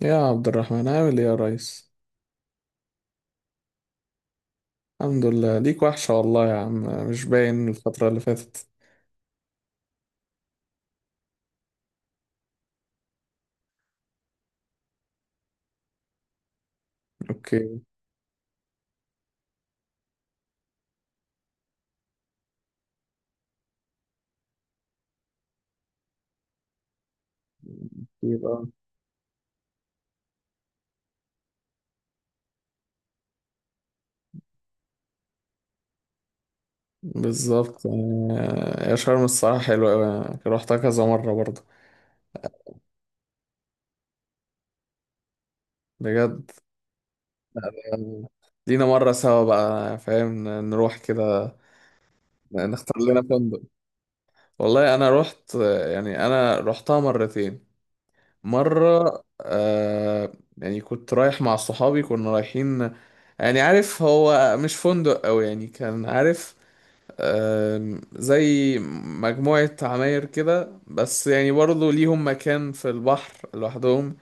يا عبد الرحمن عامل ايه يا ريس. الحمد لله، ليك وحشة والله يا عم. مش باين الفترة اللي فاتت. اوكي. يبقى بالظبط، يا شرم الصراحة حلوة أوي، روحتها كذا مرة برضه. بجد. آه، لينا مرة سوا بقى، فاهم، نروح كده، نختار لنا فندق. والله أنا روحت، يعني أنا روحتها مرتين. مرة يعني كنت رايح مع صحابي، كنا رايحين، يعني عارف، هو مش فندق أوي، يعني كان عارف، زي مجموعة عماير كده، بس يعني برضه ليهم مكان في البحر لوحدهم.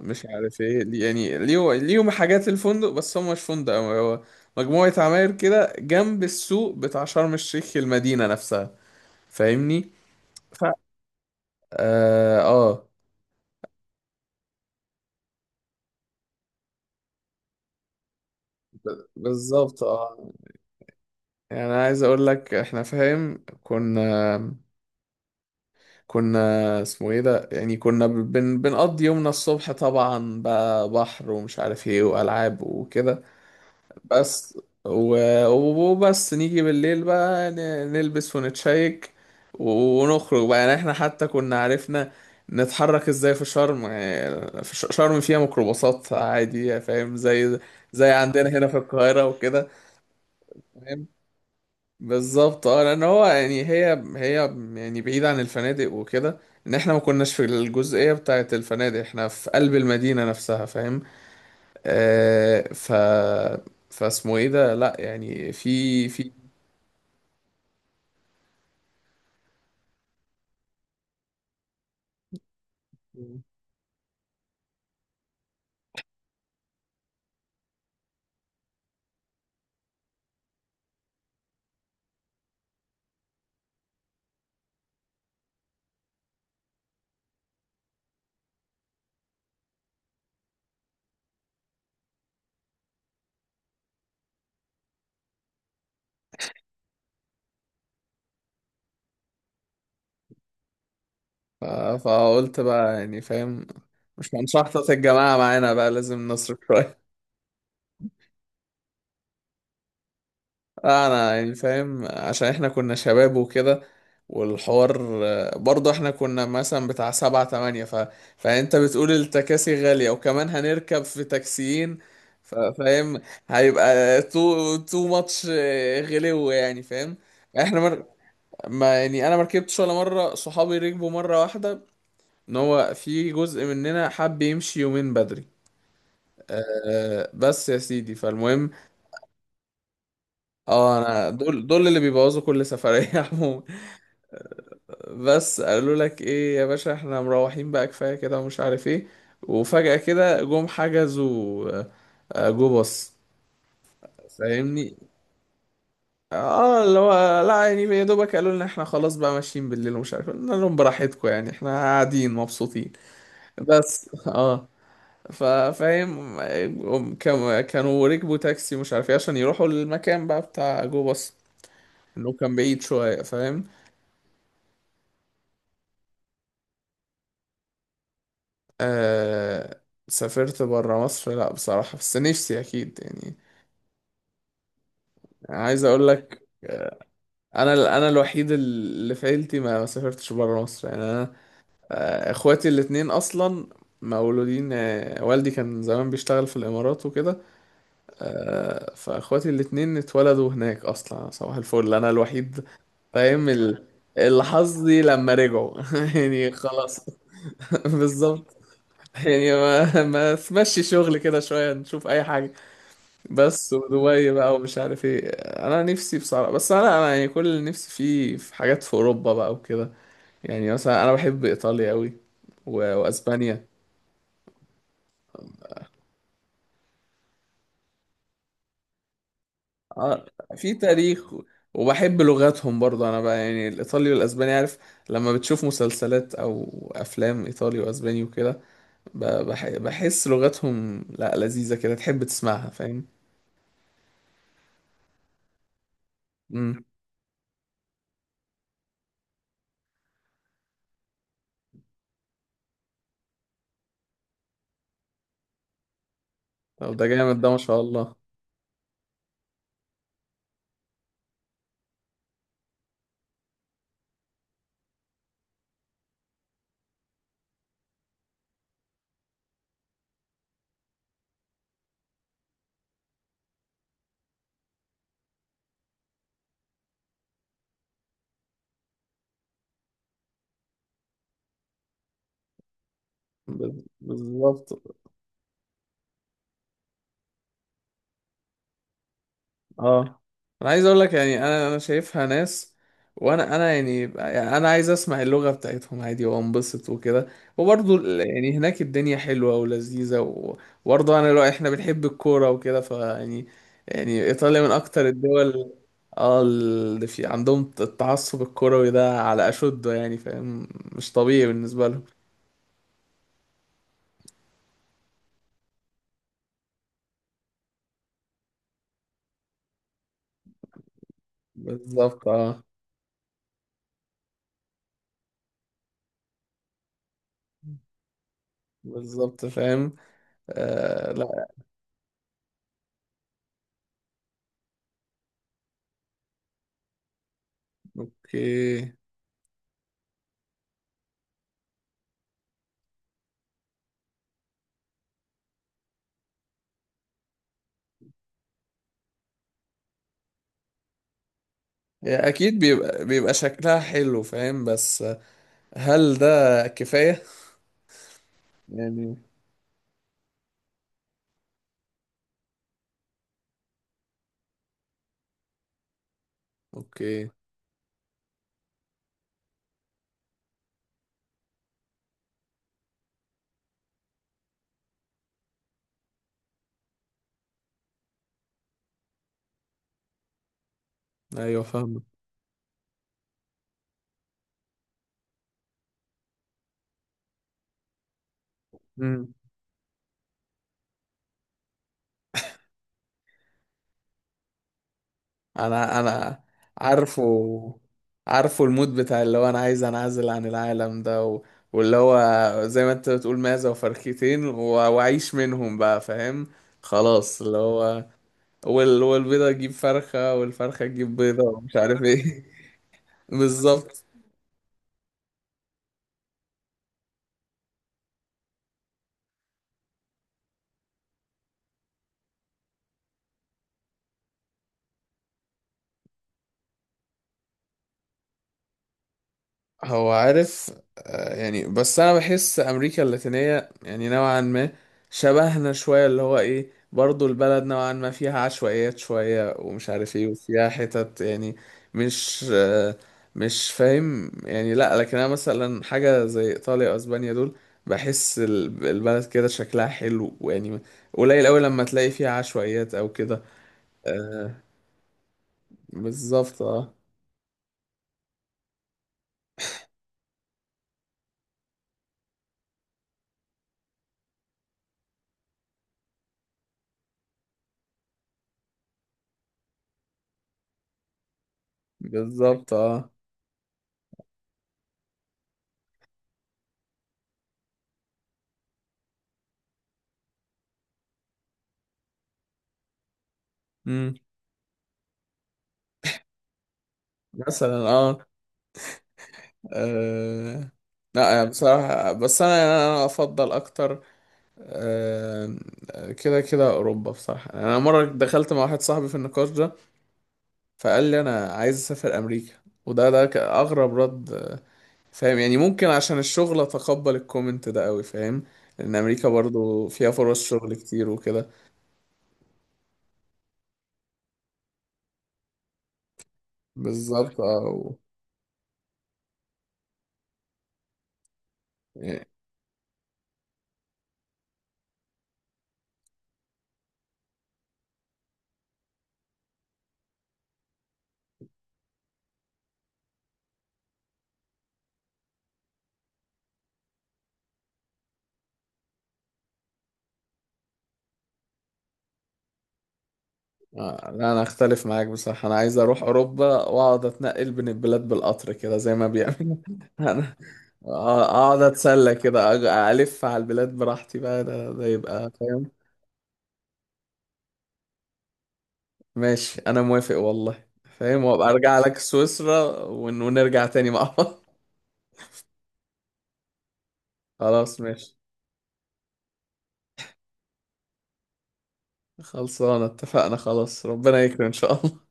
مش عارف ايه يعني ليهم حاجات الفندق، بس هم مش فندق أوي، هو مجموعة عماير كده جنب السوق بتاع شرم الشيخ، المدينة نفسها. فاهمني؟ ف... اه، بالظبط اه. يعني أنا عايز اقول لك احنا، فاهم، كنا اسمه ايه ده، يعني كنا ب- بن بنقضي يومنا الصبح طبعا بقى، بحر ومش عارف ايه والعاب وكده بس. وبس نيجي بالليل بقى نلبس ونتشيك ونخرج بقى. يعني احنا حتى كنا عرفنا نتحرك ازاي في شرم. يعني في شرم فيها ميكروباصات عادي، فاهم، زي زي عندنا هنا في القاهرة وكده. بالظبط اه، لان هو يعني هي يعني بعيد عن الفنادق وكده، ان احنا ما كناش في الجزئيه بتاعه الفنادق، احنا في قلب المدينه نفسها، فاهم. آه، فاسمه ايه ده، لا يعني في ف- فقلت بقى يعني فاهم، مش من شحطة الجماعه معانا بقى لازم نصرف شويه. انا يعني فاهم، عشان احنا كنا شباب وكده والحوار، برضه احنا كنا مثلا بتاع سبعة تمانية. فانت بتقول التكاسي غالية، وكمان هنركب في تاكسيين. فاهم، هيبقى تو ماتش، غلو يعني، فاهم. احنا مر... ما يعني انا مركبتش ولا مرة، صحابي ركبوا مرة واحدة، ان هو في جزء مننا حب يمشي يومين بدري. أه بس يا سيدي فالمهم، اه انا دول اللي بيبوظوا كل سفرية عموما. بس قالوا لك ايه يا باشا، احنا مروحين بقى كفاية كده ومش عارف ايه، وفجأة كده جم حجزوا، جو باص. فاهمني؟ اه، اللي هو لا يعني يا دوبك قالوا لنا احنا خلاص بقى ماشيين بالليل ومش عارف إيه. قلنا لهم براحتكم، يعني احنا قاعدين مبسوطين بس اه. فاهم، هم كانوا ركبوا تاكسي مش عارف ايه عشان يروحوا للمكان بقى بتاع جو باص، انه كان بعيد شوية، فاهم. آه، سافرت برا مصر لا بصراحة، بس نفسي أكيد يعني. عايز أقول لك، أنا الوحيد اللي في عيلتي ما سافرتش برا مصر. يعني أنا، آه، إخواتي الاتنين أصلا مولودين، آه، والدي كان زمان بيشتغل في الإمارات وكده. آه، فإخواتي الاتنين اتولدوا هناك أصلا صباح الفل، أنا الوحيد، فاهم اللي حظي لما رجعوا يعني خلاص. بالظبط، يعني ما تمشي شغل كده شوية، نشوف أي حاجة بس، ودبي بقى ومش عارف ايه. انا نفسي بصراحه، بس انا يعني كل اللي نفسي فيه في حاجات في اوروبا بقى وكده. يعني مثلا انا بحب ايطاليا قوي، واسبانيا. اه، في تاريخ، وبحب لغاتهم برضه. انا بقى يعني الايطالي والاسباني عارف، لما بتشوف مسلسلات او افلام ايطالي واسباني وكده، بحس لغتهم لا لذيذه كده، تحب تسمعها، فاهم. امم، طب ده جامد ده ما شاء الله. بالظبط اه، انا عايز اقول لك يعني، انا شايفها ناس، وانا يعني، يعني انا عايز اسمع اللغة بتاعتهم عادي وانبسط وكده. وبرضه يعني هناك الدنيا حلوة ولذيذة، و- وبرضه انا لو احنا بنحب الكورة وكده فيعني، يعني ايطاليا من اكتر الدول، اه، اللي في عندهم التعصب الكروي ده على اشده، يعني فاهم، مش طبيعي بالنسبة لهم. بالظبط اه. بالظبط فاهم. آه لا. اوكي. اكيد بيبقى بيبقى شكلها حلو، فاهم، بس هل ده كفاية يعني. اوكي، ايوه فاهم. امم. انا انا عارفه، عارفه المود بتاع اللي هو انا عايز انعزل عن العالم ده، و... واللي هو زي ما انت بتقول معزة وفرختين، و... واعيش منهم بقى فاهم، خلاص اللي هو والبيضة تجيب فرخة والفرخة تجيب بيضة ومش عارف ايه. بالظبط. هو عارف، آه، يعني بس انا بحس امريكا اللاتينية يعني نوعا ما شبهنا شوية، اللي هو ايه، برضو البلد نوعا ما فيها عشوائيات شوية ومش عارف ايه وفيها حتت، يعني مش، مش فاهم يعني. لا لكن انا مثلا حاجة زي ايطاليا واسبانيا دول، بحس البلد كده شكلها حلو، ويعني قليل قوي لما تلاقي فيها عشوائيات او كده. آه، بالظبط اه. بالظبط اه. امم. مثلا اه. أه لا، يعني بصراحة بس أنا أفضل أكتر. أه، كده كده أوروبا بصراحة. يعني أنا مرة دخلت مع واحد صاحبي في النقاش ده، فقال لي أنا عايز أسافر أمريكا، وده أغرب رد، فاهم. يعني ممكن عشان الشغل أتقبل الكومنت ده أوي، فاهم، لأن أمريكا برضو فيها فرص شغل كتير وكده. بالظبط أه. لا انا اختلف معاك بصراحة، انا عايز اروح اوروبا واقعد اتنقل بين البلاد بالقطر كده زي ما بيعملوا. انا اقعد اتسلى كده، الف على البلاد براحتي بقى، ده يبقى فاهم. ماشي، انا موافق والله فاهم، وابقى ارجع لك سويسرا ونرجع تاني مع بعض. خلاص ماشي. خلصانة، اتفقنا خلاص، ربنا يكرم ان شاء الله.